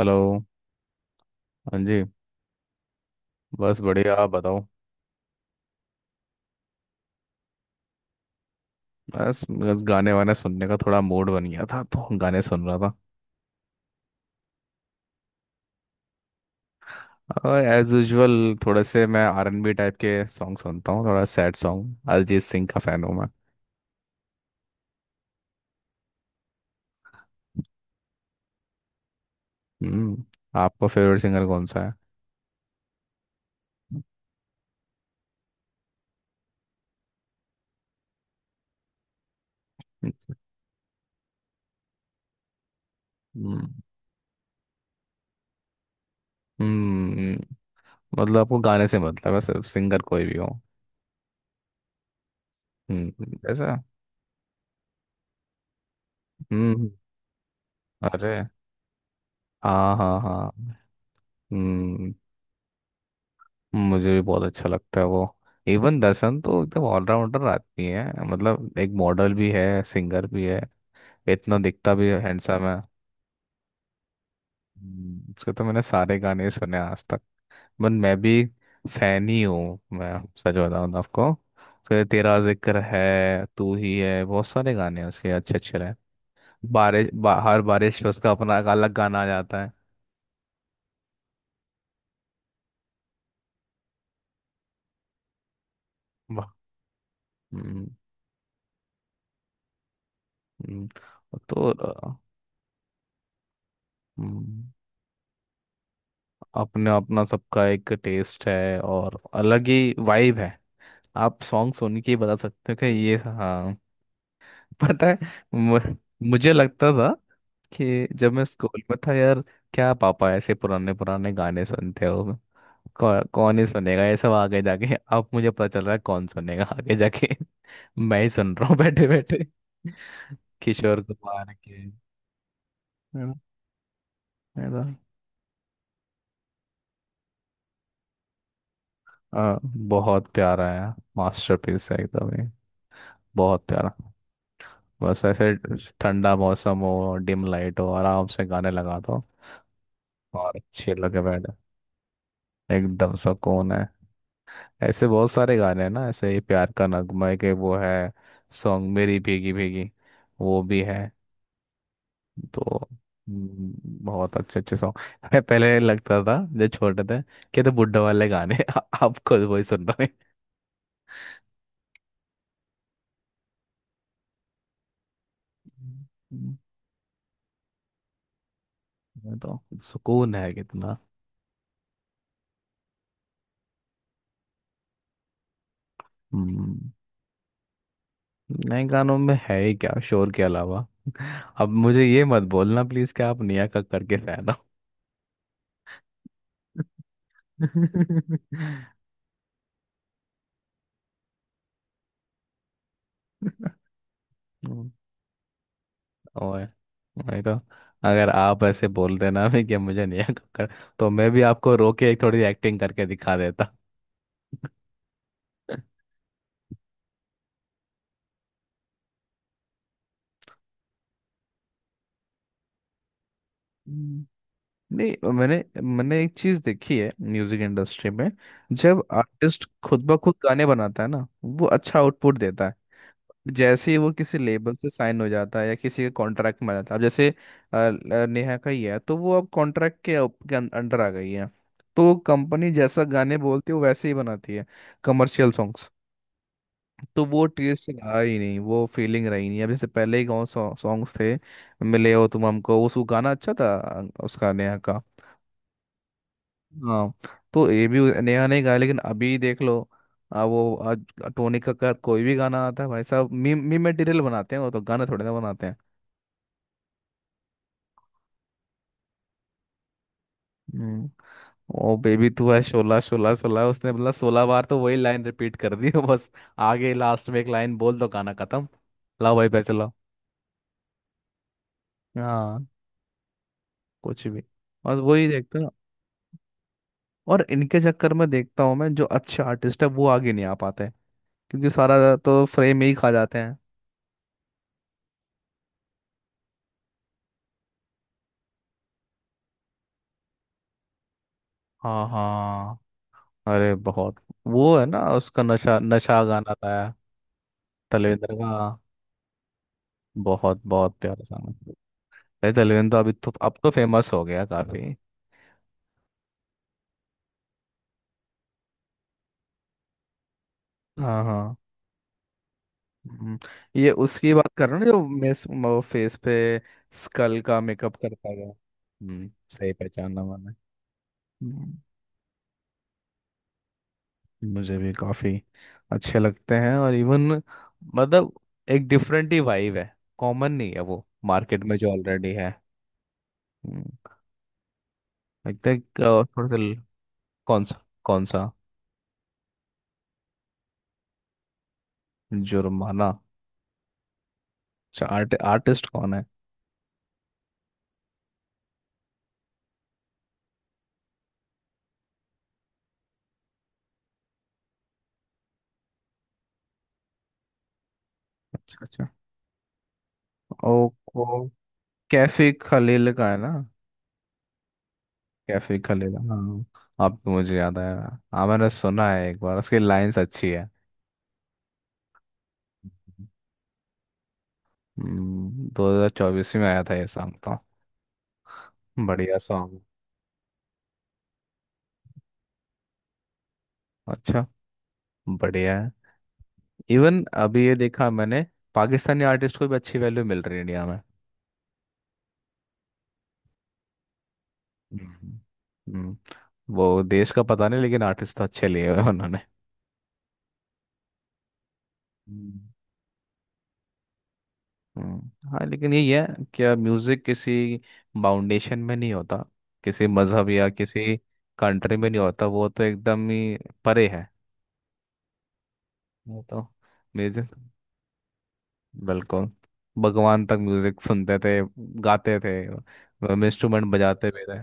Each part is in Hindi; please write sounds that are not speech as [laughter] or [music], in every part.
हेलो। हाँ जी। बस बढ़िया, आप बताओ। बस बस गाने वाने सुनने का थोड़ा मूड बन गया था, तो गाने सुन रहा था। और एज यूजुअल थोड़े से मैं आरएनबी टाइप के सॉन्ग सुनता हूँ, थोड़ा सैड सॉन्ग, अरिजीत सिंह का फ़ैन हूँ मैं। हम्म। आपका फेवरेट सिंगर कौन सा है? हम्म। हम्म। मतलब आपको गाने से मतलब है, सिर्फ सिंगर कोई भी हो। ऐसा। हम्म। अरे हाँ हाँ हाँ। हम्म। मुझे भी बहुत अच्छा लगता है वो। इवन दर्शन तो एकदम ऑलराउंडर आदमी है, मतलब एक मॉडल भी है, सिंगर भी है। इतना दिखता भी हैंडसम है। हम्म। उसके तो मैंने सारे गाने सुने हैं आज तक। बट मैं भी फैन ही हूँ मैं। सच बताऊँ तो आपको, उसके तेरा जिक्र है, तू ही है, बहुत सारे गाने हैं उसके अच्छे अच्छे रहे। हर बारिश पे उसका अपना एक अलग गाना आ जाता है। वाह। हम्म। हम्म। तो अ, हम्म। अपना अपना सबका एक टेस्ट है और अलग ही वाइब है। आप सॉन्ग सुन के ही बता सकते हो कि ये हाँ। [laughs] पता है। मु- मुझे लगता था कि जब मैं स्कूल में था यार, क्या पापा ऐसे पुराने पुराने गाने सुनते हो? कौन ही सुनेगा ये सब आगे जाके? अब मुझे पता चल रहा है कौन सुनेगा आगे जाके। [laughs] मैं ही सुन रहा हूँ बैठे बैठे। [laughs] किशोर कुमार के है ना। है ना? हाँ। बहुत प्यारा है, मास्टरपीस है एकदम ही। बहुत प्यारा। बस ऐसे ठंडा मौसम हो, डिम लाइट हो, आराम से गाने लगा दो और चिल होके बैठ जाओ। एकदम सुकून है। ऐसे बहुत सारे गाने हैं ना, ऐसे ही प्यार का नगमा है के वो है, सॉन्ग मेरी भीगी भीगी वो भी है। तो बहुत अच्छे अच्छे सॉन्ग। मैं पहले लगता था जब छोटे थे कि ये तो बुड्ढे वाले गाने हैं। [laughs] अब खुद वही सुन रहे हैं। हम्म, तो सुकून है कितना। हम्म। नए गानों में है ही क्या शोर के अलावा। अब मुझे ये मत बोलना प्लीज कि आप नेहा कक्कड़ के फैन हो। [laughs] हम्म, और नहीं तो। अगर आप ऐसे बोल देना भी कि मुझे नेहा कक्कड़, तो मैं भी आपको रो के एक थोड़ी एक्टिंग करके दिखा देता। [laughs] हम्म। नहीं, मैंने मैंने एक चीज देखी है म्यूजिक इंडस्ट्री में। जब आर्टिस्ट खुद ब खुद गाने बनाता है ना, वो अच्छा आउटपुट देता है। जैसे ही वो किसी लेबर से साइन हो जाता है या किसी के कॉन्ट्रैक्ट में आ जाता है, अब जैसे नेहा का ही है, तो वो अब कॉन्ट्रैक्ट के अंडर आ गई है। तो कंपनी जैसा गाने बोलती है वो वैसे ही बनाती है। Commercial songs. तो वो टेस्ट रहा ही नहीं, वो फीलिंग रही नहीं, अब जैसे पहले ही गाँव सॉन्ग्स थे, मिले हो तुम हमको, उस वो गाना अच्छा था, उसका नेहा का। हाँ। तो ये भी नेहा ने गाया, लेकिन अभी देख लो। आ, वो आज टोनी कक्कड़ कोई भी गाना आता है, भाई साहब मीम मीम मटेरियल बनाते हैं, वो तो गाना थोड़े ना बनाते हैं। हम्म, ओ बेबी तू है शोला शोला शोला, उसने मतलब 16 बार तो वही लाइन रिपीट कर दी। [laughs] बस आगे लास्ट में एक लाइन बोल दो, गाना खत्म। लाओ भाई पैसे लाओ। हाँ। कुछ भी। बस वही देखते हैं। और इनके चक्कर में देखता हूँ मैं, जो अच्छे आर्टिस्ट है वो आगे नहीं आ पाते, क्योंकि सारा तो फ्रेम ही खा जाते हैं। हाँ हाँ। अरे बहुत। वो है ना, उसका नशा नशा गाना था तलविंदर का। बहुत बहुत प्यारा सॉन्ग है। अरे तलविंदर तो अभी तो अब तो फेमस हो गया काफी। हाँ हाँ। हम्म, ये उसकी बात कर रहे हो ना, जो मेस वो फेस पे स्कल का मेकअप करता है, हम्म। सही पहचाना मैंने। हम्म, मुझे भी काफी अच्छे लगते हैं, और इवन मतलब एक डिफरेंट ही वाइब है, कॉमन नहीं है वो मार्केट में जो ऑलरेडी है। हम्म। लगता है कि थोड़ा सा। कौन सा कौन सा? जुर्माना। अच्छा आर्टिस्ट कौन है? अच्छा अच्छा। ओ। ओ। कैफे खलील का है ना? कैफे खलेगा, हाँ। अब तो मुझे याद आया। हाँ मैंने सुना है एक बार, उसकी लाइंस अच्छी है। 2024 में आया था ये सॉन्ग तो। बढ़िया सॉन्ग। अच्छा, बढ़िया है। इवन अभी ये देखा मैंने, पाकिस्तानी आर्टिस्ट को भी अच्छी वैल्यू मिल रही है इंडिया में। हम्म। हम्म, वो देश का पता नहीं, लेकिन आर्टिस्ट तो अच्छे लिए हुए हैं उन्होंने। हाँ लेकिन यही है, क्या म्यूजिक किसी फाउंडेशन में नहीं होता, किसी मजहब या किसी कंट्री में नहीं होता, वो तो एकदम ही परे है। वो तो म्यूजिक, बिल्कुल, भगवान तक म्यूजिक सुनते थे, गाते थे, इंस्ट्रूमेंट बजाते भी थे।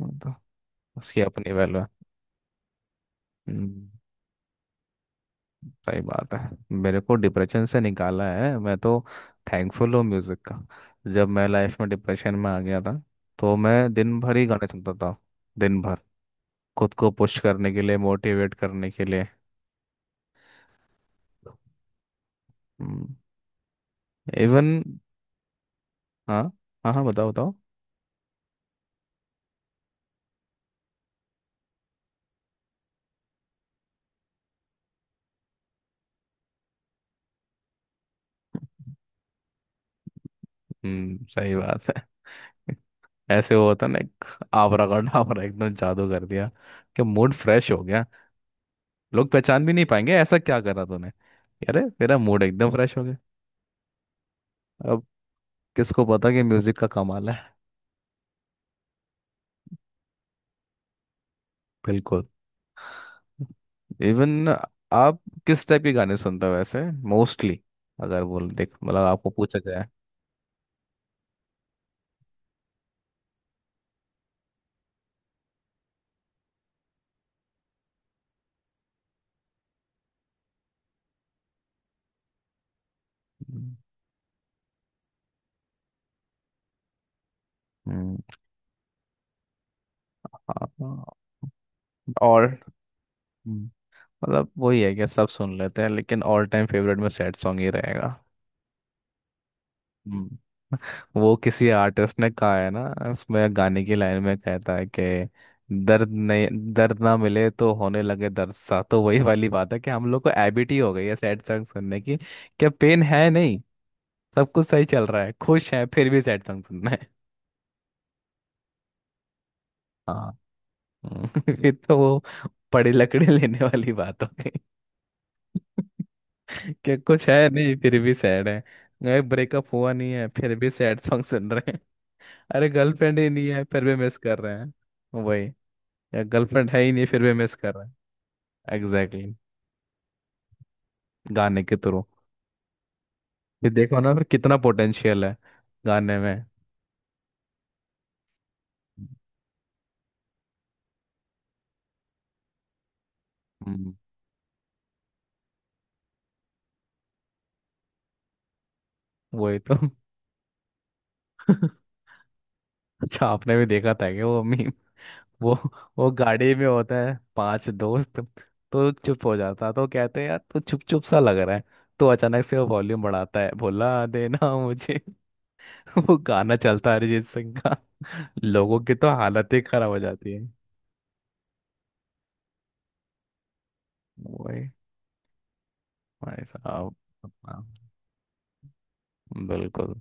वो तो उसकी अपनी वैल्यू है। हम्म। सही बात है। मेरे को डिप्रेशन से निकाला है, मैं तो थैंकफुल हूँ म्यूज़िक का। जब मैं लाइफ में डिप्रेशन में आ गया था, तो मैं दिन भर ही गाने सुनता था। दिन भर। खुद को पुश करने के लिए, मोटिवेट करने के लिए। इवन। हाँ। हाँ हाँ, बताओ बताओ। सही बात है। [laughs] ऐसे वो होता ना, एक आवरा का डावरा एकदम जादू कर दिया कि मूड फ्रेश हो गया। लोग पहचान भी नहीं पाएंगे, ऐसा क्या करा तूने? अरे तेरा मूड एकदम फ्रेश हो गया। अब किसको पता कि म्यूजिक का कमाल है। बिल्कुल। इवन, आप किस टाइप के गाने सुनते हो वैसे, मोस्टली? अगर बोल देख, मतलब आपको पूछा जाए। हम्म। हाँ। और। हम्म, मतलब वही है कि सब सुन लेते हैं, लेकिन ऑल टाइम फेवरेट में सैड सॉन्ग ही रहेगा। हम्म, वो किसी आर्टिस्ट ने कहा है ना, उसमें गाने की लाइन में कहता है कि, दर्द नहीं, दर्द ना मिले तो होने लगे दर्द सा, तो वही वाली बात है कि हम लोग को हैबिट ही हो गई है सैड सॉन्ग सुनने की। क्या पेन है नहीं, सब कुछ सही चल रहा है, खुश है, फिर भी सैड सॉन्ग सुनना है। हाँ। हम्म, [laughs] फिर तो वो पड़ी लकड़ी लेने वाली बात हो गई। [laughs] कि कुछ है नहीं फिर भी सैड है, ब्रेकअप हुआ नहीं है फिर भी सैड सॉन्ग सुन रहे। अरे, गर्लफ्रेंड ही नहीं है फिर भी मिस कर रहे हैं। वही। या गर्लफ्रेंड है ही नहीं फिर भी मिस कर रहे हैं। Exactly exactly। गाने के थ्रू। ये देखो ना, फिर कितना पोटेंशियल है गाने में। हम्म, वही तो। [laughs] अच्छा आपने भी देखा था कि वो मी वो वो गाड़ी में होता है, पांच दोस्त। तो चुप हो जाता, तो कहते हैं यार तो चुप चुप सा लग रहा है। तो अचानक से वो वॉल्यूम बढ़ाता है, भुला देना मुझे। [laughs] वो गाना चलता है अरिजीत सिंह का। [laughs] लोगों की तो हालत ही खराब हो जाती। वही। भाई साहब। अपना। बिल्कुल।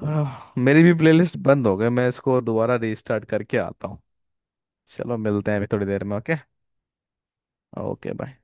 हाँ, मेरी भी प्लेलिस्ट बंद हो गई, मैं इसको दोबारा रीस्टार्ट करके आता हूँ। चलो मिलते हैं अभी थोड़ी देर में, ओके। Okay, bye.